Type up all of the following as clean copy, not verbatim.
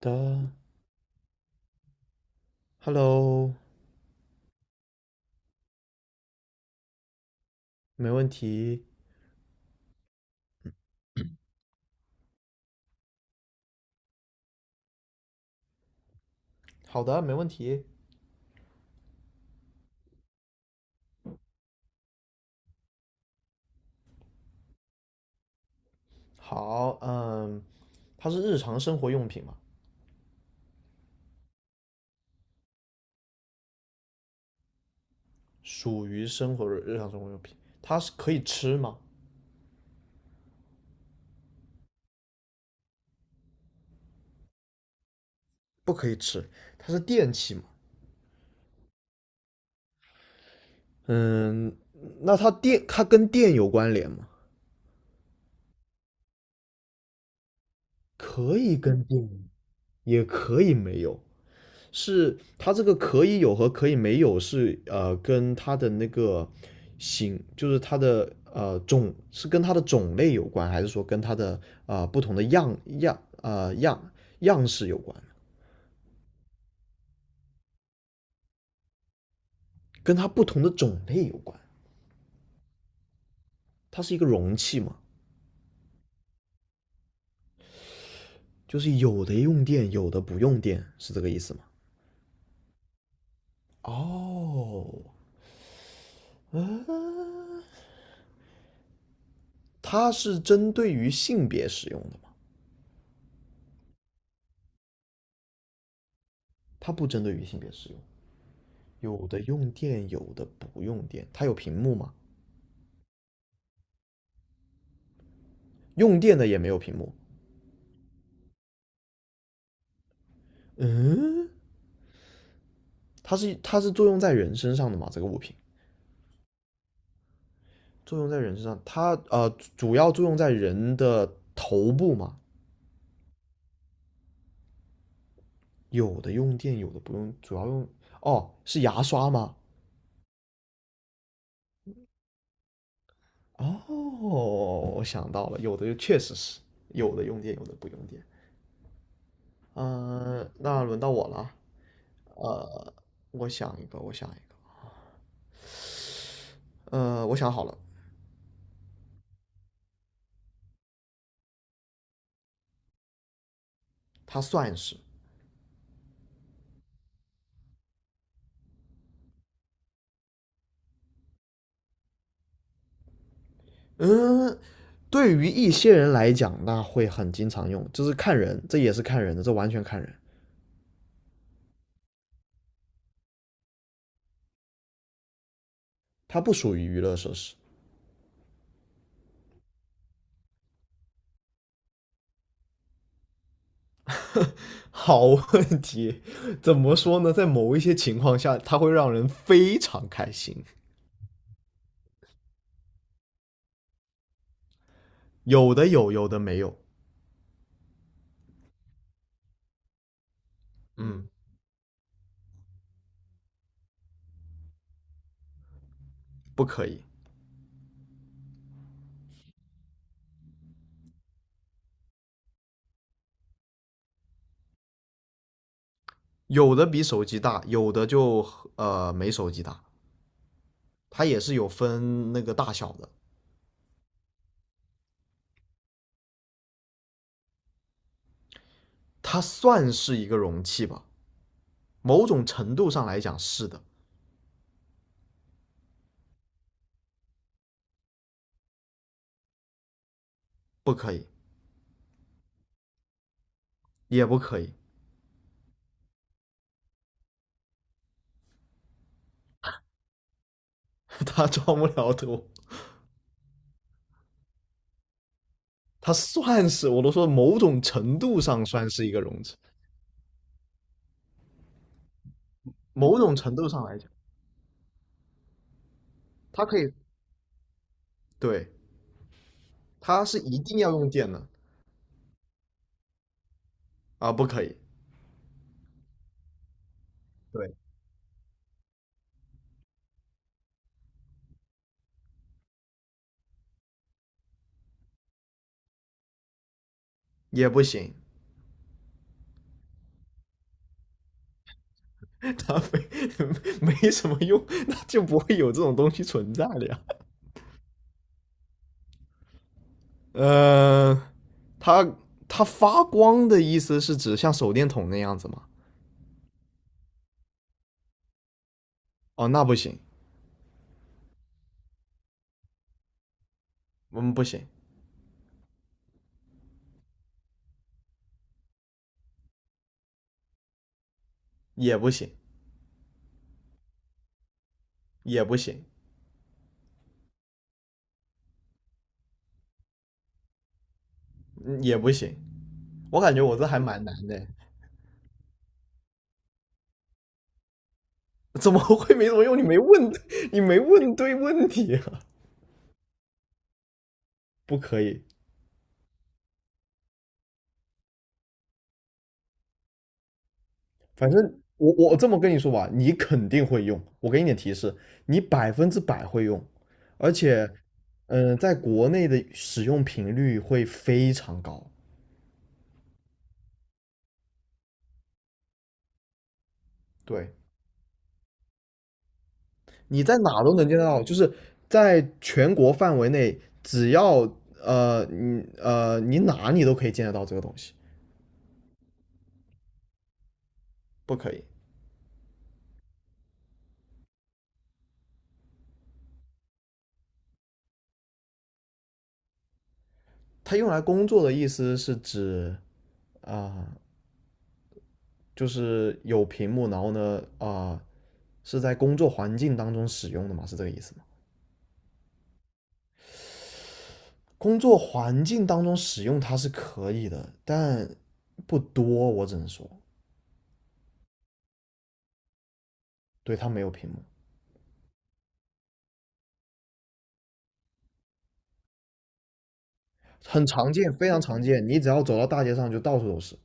的，Hello，没问题。好的，没问题。好，嗯，它是日常生活用品嘛，属于生活日常生活用品。它是可以吃吗？不可以吃，它是电器嘛。嗯，那它电，它跟电有关联吗？可以跟电，也可以没有。是它这个可以有和可以没有是跟它的那个型，就是它的种是跟它的种类有关，还是说跟它的不同的样式有关？跟它不同的种类有关。它是一个容器嘛，就是有的用电，有的不用电，是这个意思吗？哦，啊，它是针对于性别使用的吗？它不针对于性别使用。有的用电，有的不用电。它有屏幕吗？用电的也没有屏幕。嗯，它是作用在人身上的吗？这个物品作用在人身上，它主要作用在人的头部嘛。有的用电，有的不用，主要用哦，是牙刷吗？哦，我想到了，有的就确实是有的用电，有的不用电。嗯，那轮到我了啊。呃，我想一个，我想一个。我想好了，它算是。嗯，对于一些人来讲，那会很经常用，就是看人，这也是看人的，这完全看人，它不属于娱乐设施。好问题，怎么说呢？在某一些情况下，它会让人非常开心，有的有，有的没有。嗯，不可以，有的比手机大，有的就没手机大，它也是有分那个大小的，它算是一个容器吧，某种程度上来讲是的，不可以，也不可以。他装不了多，他算是我都说某种程度上算是一个容器，某种程度上来讲，它可以对，它是一定要用电的。啊，不可以，对，也不行，它没什么用，那就不会有这种东西存在了呀。嗯，它它发光的意思是指像手电筒那样子吗？哦，那不行，嗯，不行，也不行，也不行，嗯，也不行，我感觉我这还蛮难的。怎么会没什么用？你没问，你没问对问题啊！不可以，反正我这么跟你说吧，你肯定会用。我给你点提示，你百分之百会用，而且，嗯、在国内的使用频率会非常高。对，你在哪都能见得到，就是在全国范围内，只要你你哪你都可以见得到这个东西。不可以，它用来工作的意思是指啊、就是有屏幕，然后呢，呃是在工作环境当中使用的嘛？是这个意思吗？工作环境当中使用它是可以的，但不多，我只能说，对，它没有屏幕，很常见，非常常见。你只要走到大街上，就到处都是。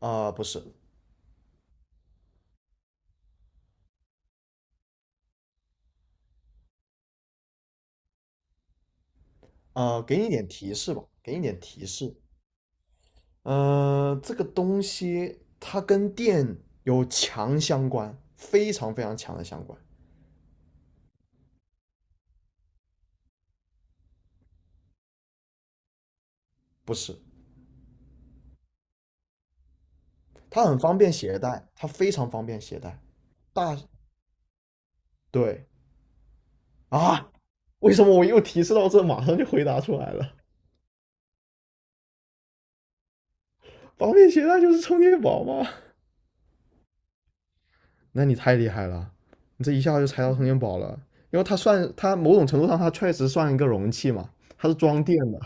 不是。给你一点提示吧，给你一点提示。这个东西它跟电有强相关，非常非常强的相关。不是，它很方便携带，它非常方便携带。大对啊，为什么我又提示到这，马上就回答出来了？方便携带就是充电宝吗？那你太厉害了，你这一下就猜到充电宝了，因为它算它某种程度上它确实算一个容器嘛，它是装电的。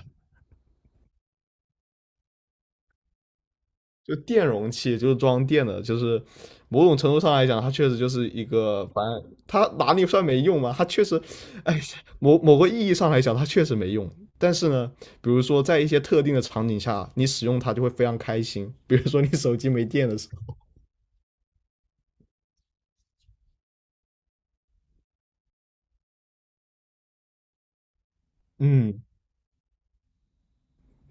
就电容器，就是装电的，就是某种程度上来讲，它确实就是一个，反正它哪里算没用嘛？它确实，哎，某某个意义上来讲，它确实没用。但是呢，比如说在一些特定的场景下，你使用它就会非常开心。比如说你手机没电的时候，嗯，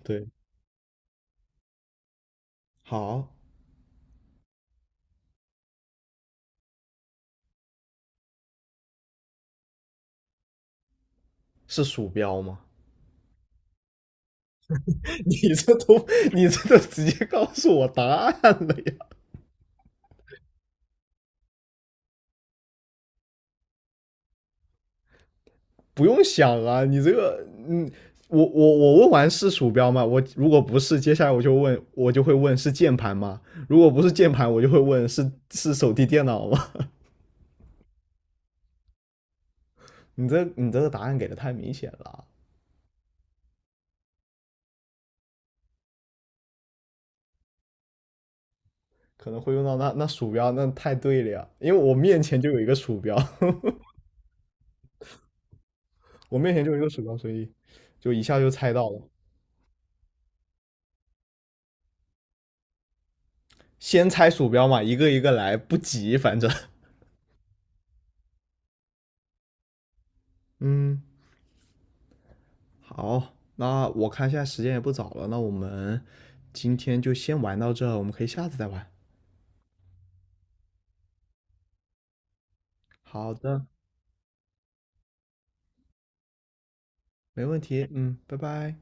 对，好，是鼠标吗？你这都你这都直接告诉我答案了呀！不用想啊，你这个，嗯，我问完是鼠标吗？我如果不是，接下来我就问，我就会问是键盘吗？如果不是键盘，我就会问是 是手提电脑吗？你这个答案给的太明显了，可能会用到，那那鼠标，那太对了呀，因为我面前就有一个鼠标，我面前就有一个鼠标，所以就一下就猜到了。先猜鼠标嘛，一个一个来，不急，反正，嗯，好，那我看现在时间也不早了，那我们今天就先玩到这，我们可以下次再玩。好的，没问题，嗯，拜拜。